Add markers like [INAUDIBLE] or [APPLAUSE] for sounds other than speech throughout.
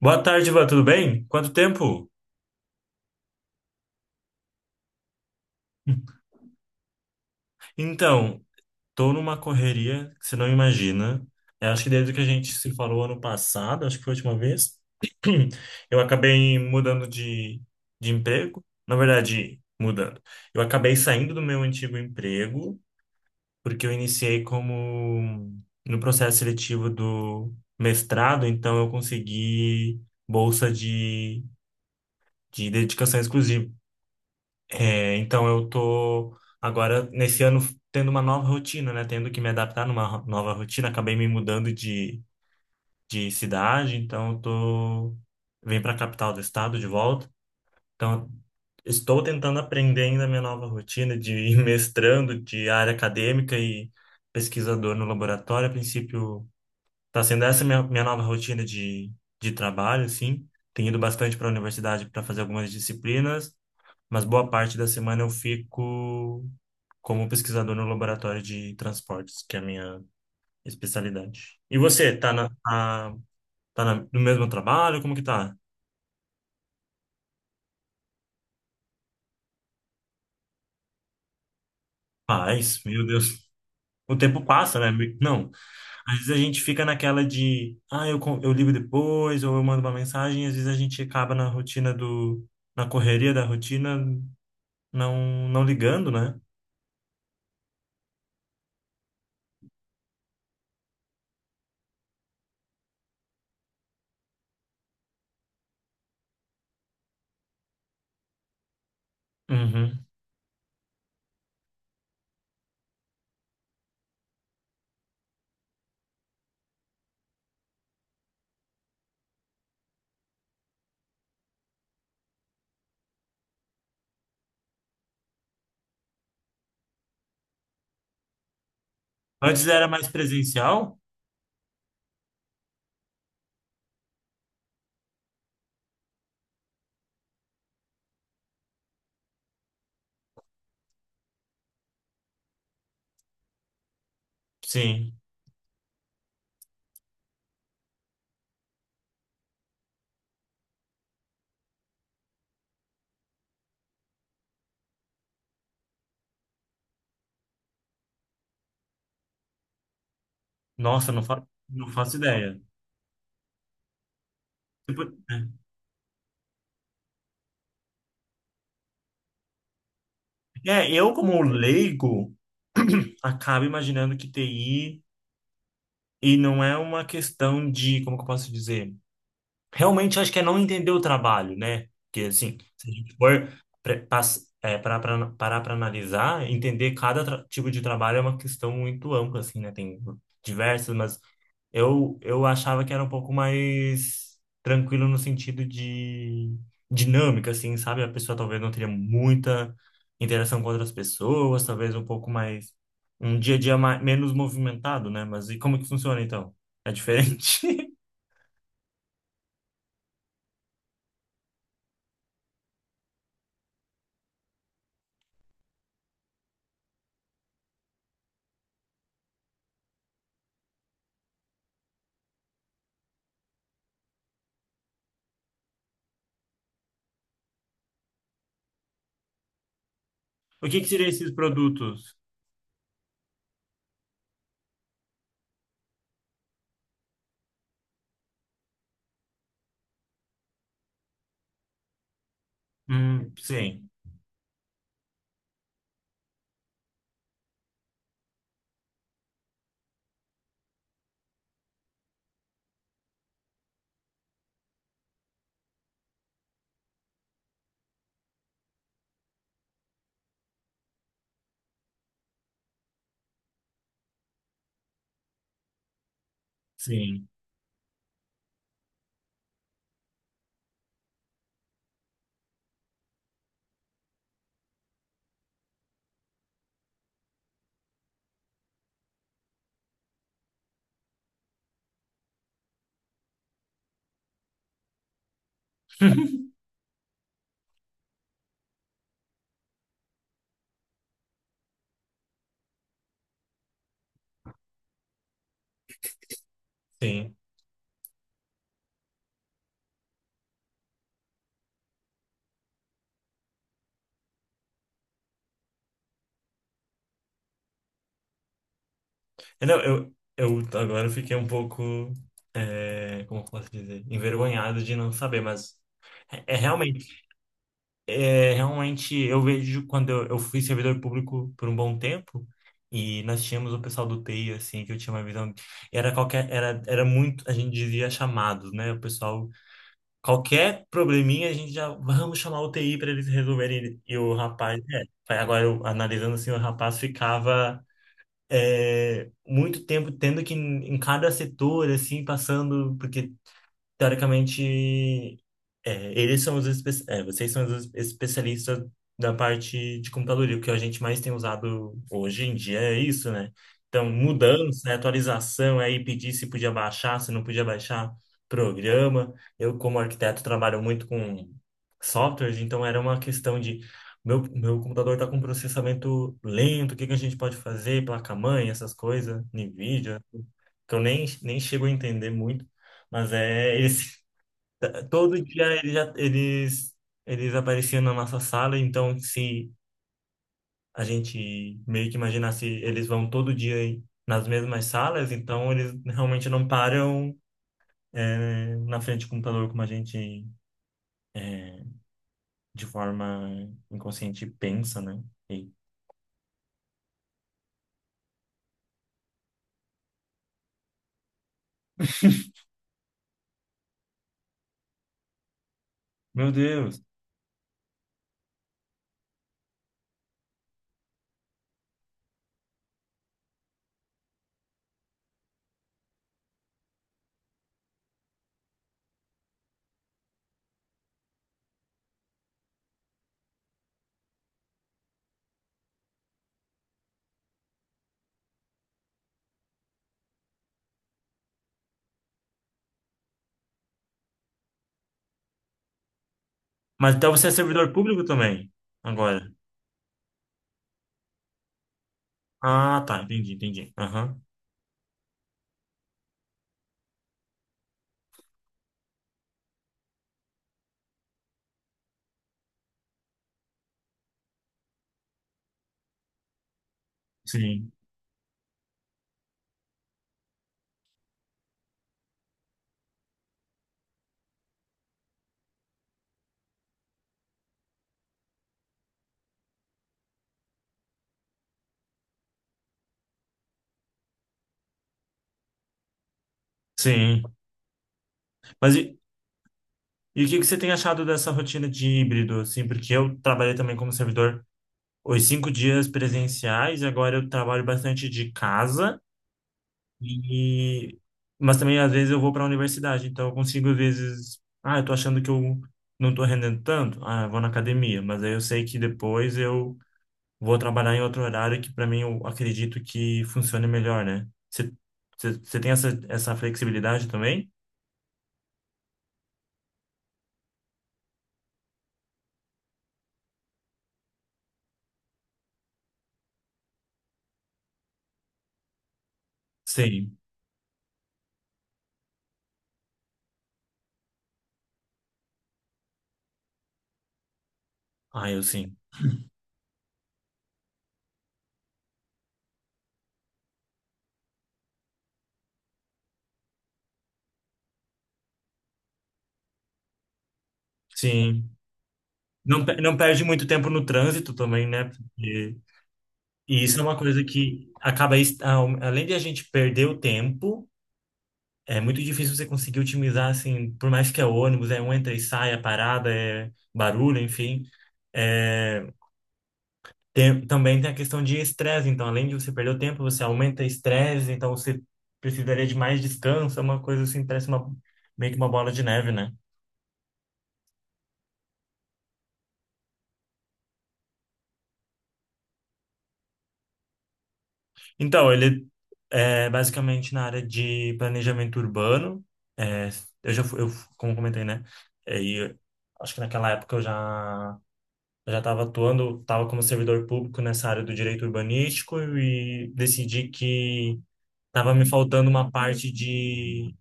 Boa tarde, Ivan, tudo bem? Quanto tempo? Então, tô numa correria que você não imagina. Eu acho que desde que a gente se falou ano passado, acho que foi a última vez, [CLEARS THROAT] eu acabei mudando de emprego. Na verdade, mudando. Eu acabei saindo do meu antigo emprego, porque eu iniciei como no processo seletivo do mestrado, então eu consegui bolsa de dedicação exclusiva. É, então eu tô agora nesse ano tendo uma nova rotina, né? Tendo que me adaptar numa nova rotina. Acabei me mudando de cidade, então eu tô vim para a capital do estado de volta. Então estou tentando aprender ainda a minha nova rotina de ir [LAUGHS] mestrando de área acadêmica e pesquisador no laboratório. A princípio está sendo essa minha nova rotina de trabalho, assim. Tenho ido bastante para a universidade para fazer algumas disciplinas, mas boa parte da semana eu fico como pesquisador no laboratório de transportes, que é a minha especialidade. E você, tá na, tá, tá na- no mesmo trabalho? Como que tá? Paz, meu Deus. O tempo passa, né? Não. Às vezes a gente fica naquela de, ah, eu ligo depois, ou eu mando uma mensagem, e às vezes a gente acaba na rotina na correria da rotina, não, não ligando, né? Uhum. Antes era mais presencial? Sim. Nossa, não faço ideia. Tipo. É, eu como leigo, [CLEARS THROAT] acabo imaginando que TI, e não é uma questão de, como que eu posso dizer? Realmente acho que é não entender o trabalho, né? Porque, assim, se a gente for parar para analisar, entender tipo de trabalho é uma questão muito ampla, assim, né? Tem diversas, mas eu achava que era um pouco mais tranquilo no sentido de dinâmica, assim, sabe? A pessoa talvez não teria muita interação com outras pessoas, talvez um pouco mais, um dia a dia mais, menos movimentado, né? Mas e como que funciona então? É diferente? [LAUGHS] O que que seriam esses produtos? Sim, sim, sim. É, não, eu agora eu fiquei um pouco, é, como eu posso dizer, envergonhado de não saber, mas é realmente. É, realmente, eu vejo quando eu fui servidor público por um bom tempo e nós tínhamos o pessoal do TI, assim, que eu tinha uma visão. Era qualquer, era muito, a gente dizia chamados, né? O pessoal, qualquer probleminha, a gente já, vamos chamar o TI para eles resolverem. E o rapaz, é, agora eu analisando assim, o rapaz ficava é, muito tempo tendo que, em cada setor, assim, passando, porque teoricamente, é, eles são os espe- é, vocês são os especialistas da parte de computador, e o que a gente mais tem usado hoje em dia é isso, né? Então, mudança, né, atualização, aí pedir se podia baixar, se não podia baixar programa. Eu, como arquiteto, trabalho muito com softwares, então era uma questão de meu computador está com processamento lento, o que que a gente pode fazer, placa-mãe, essas coisas, NVIDIA, que eu nem chego a entender muito. Mas é esse. Todo dia eles apareciam na nossa sala, então se a gente meio que imaginasse, eles vão todo dia nas mesmas salas, então eles realmente não param, é, na frente do computador como a gente de forma inconsciente pensa, né? E- meu Deus! Mas então você é servidor público também, agora? Ah, tá, entendi, entendi. Aham. Sim, sim. Mas e o que que você tem achado dessa rotina de híbrido, assim? Porque eu trabalhei também como servidor os 5 dias presenciais, agora eu trabalho bastante de casa e mas também às vezes eu vou para a universidade, então eu consigo às vezes, ah, eu tô achando que eu não tô rendendo tanto, ah, eu vou na academia, mas aí eu sei que depois eu vou trabalhar em outro horário que para mim eu acredito que funcione melhor, né? Você tem essa flexibilidade também? Sim. Ah, eu sim. Sim. Não, não perde muito tempo no trânsito também, né? Porque. E isso é uma coisa que acaba, além de a gente perder o tempo, é muito difícil você conseguir otimizar, assim, por mais que é ônibus, é um entra e sai, é parada, é barulho, enfim. É, também tem a questão de estresse, então, além de você perder o tempo, você aumenta o estresse, então você precisaria de mais descanso, é uma coisa assim, parece uma, meio que uma bola de neve, né? Então, ele é basicamente na área de planejamento urbano. É, eu já fui, eu, como comentei, né? É, e acho que naquela época eu já estava atuando, estava como servidor público nessa área do direito urbanístico e decidi que estava me faltando uma parte de,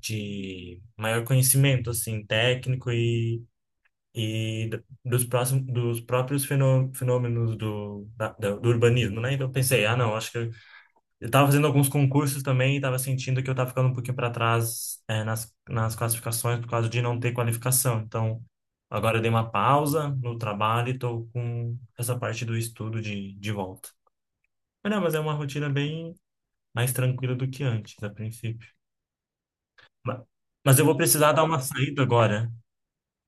de maior conhecimento, assim, técnico e dos próprios fenômenos do urbanismo, né? Então eu pensei, ah, não, acho que eu tava fazendo alguns concursos também e tava sentindo que eu tava ficando um pouquinho para trás, é, nas classificações por causa de não ter qualificação. Então, agora eu dei uma pausa no trabalho e tô com essa parte do estudo de volta. Mas não, mas é uma rotina bem mais tranquila do que antes, a princípio. Ma- Mas eu vou precisar dar uma saída agora,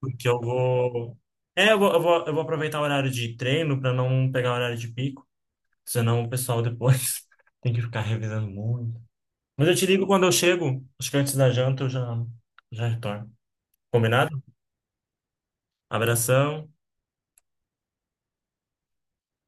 porque eu vou. Eu vou aproveitar o horário de treino para não pegar o horário de pico, senão o pessoal depois [LAUGHS] tem que ficar revisando muito. Mas eu te ligo quando eu chego. Acho que antes da janta eu já, já retorno. Combinado? Abração.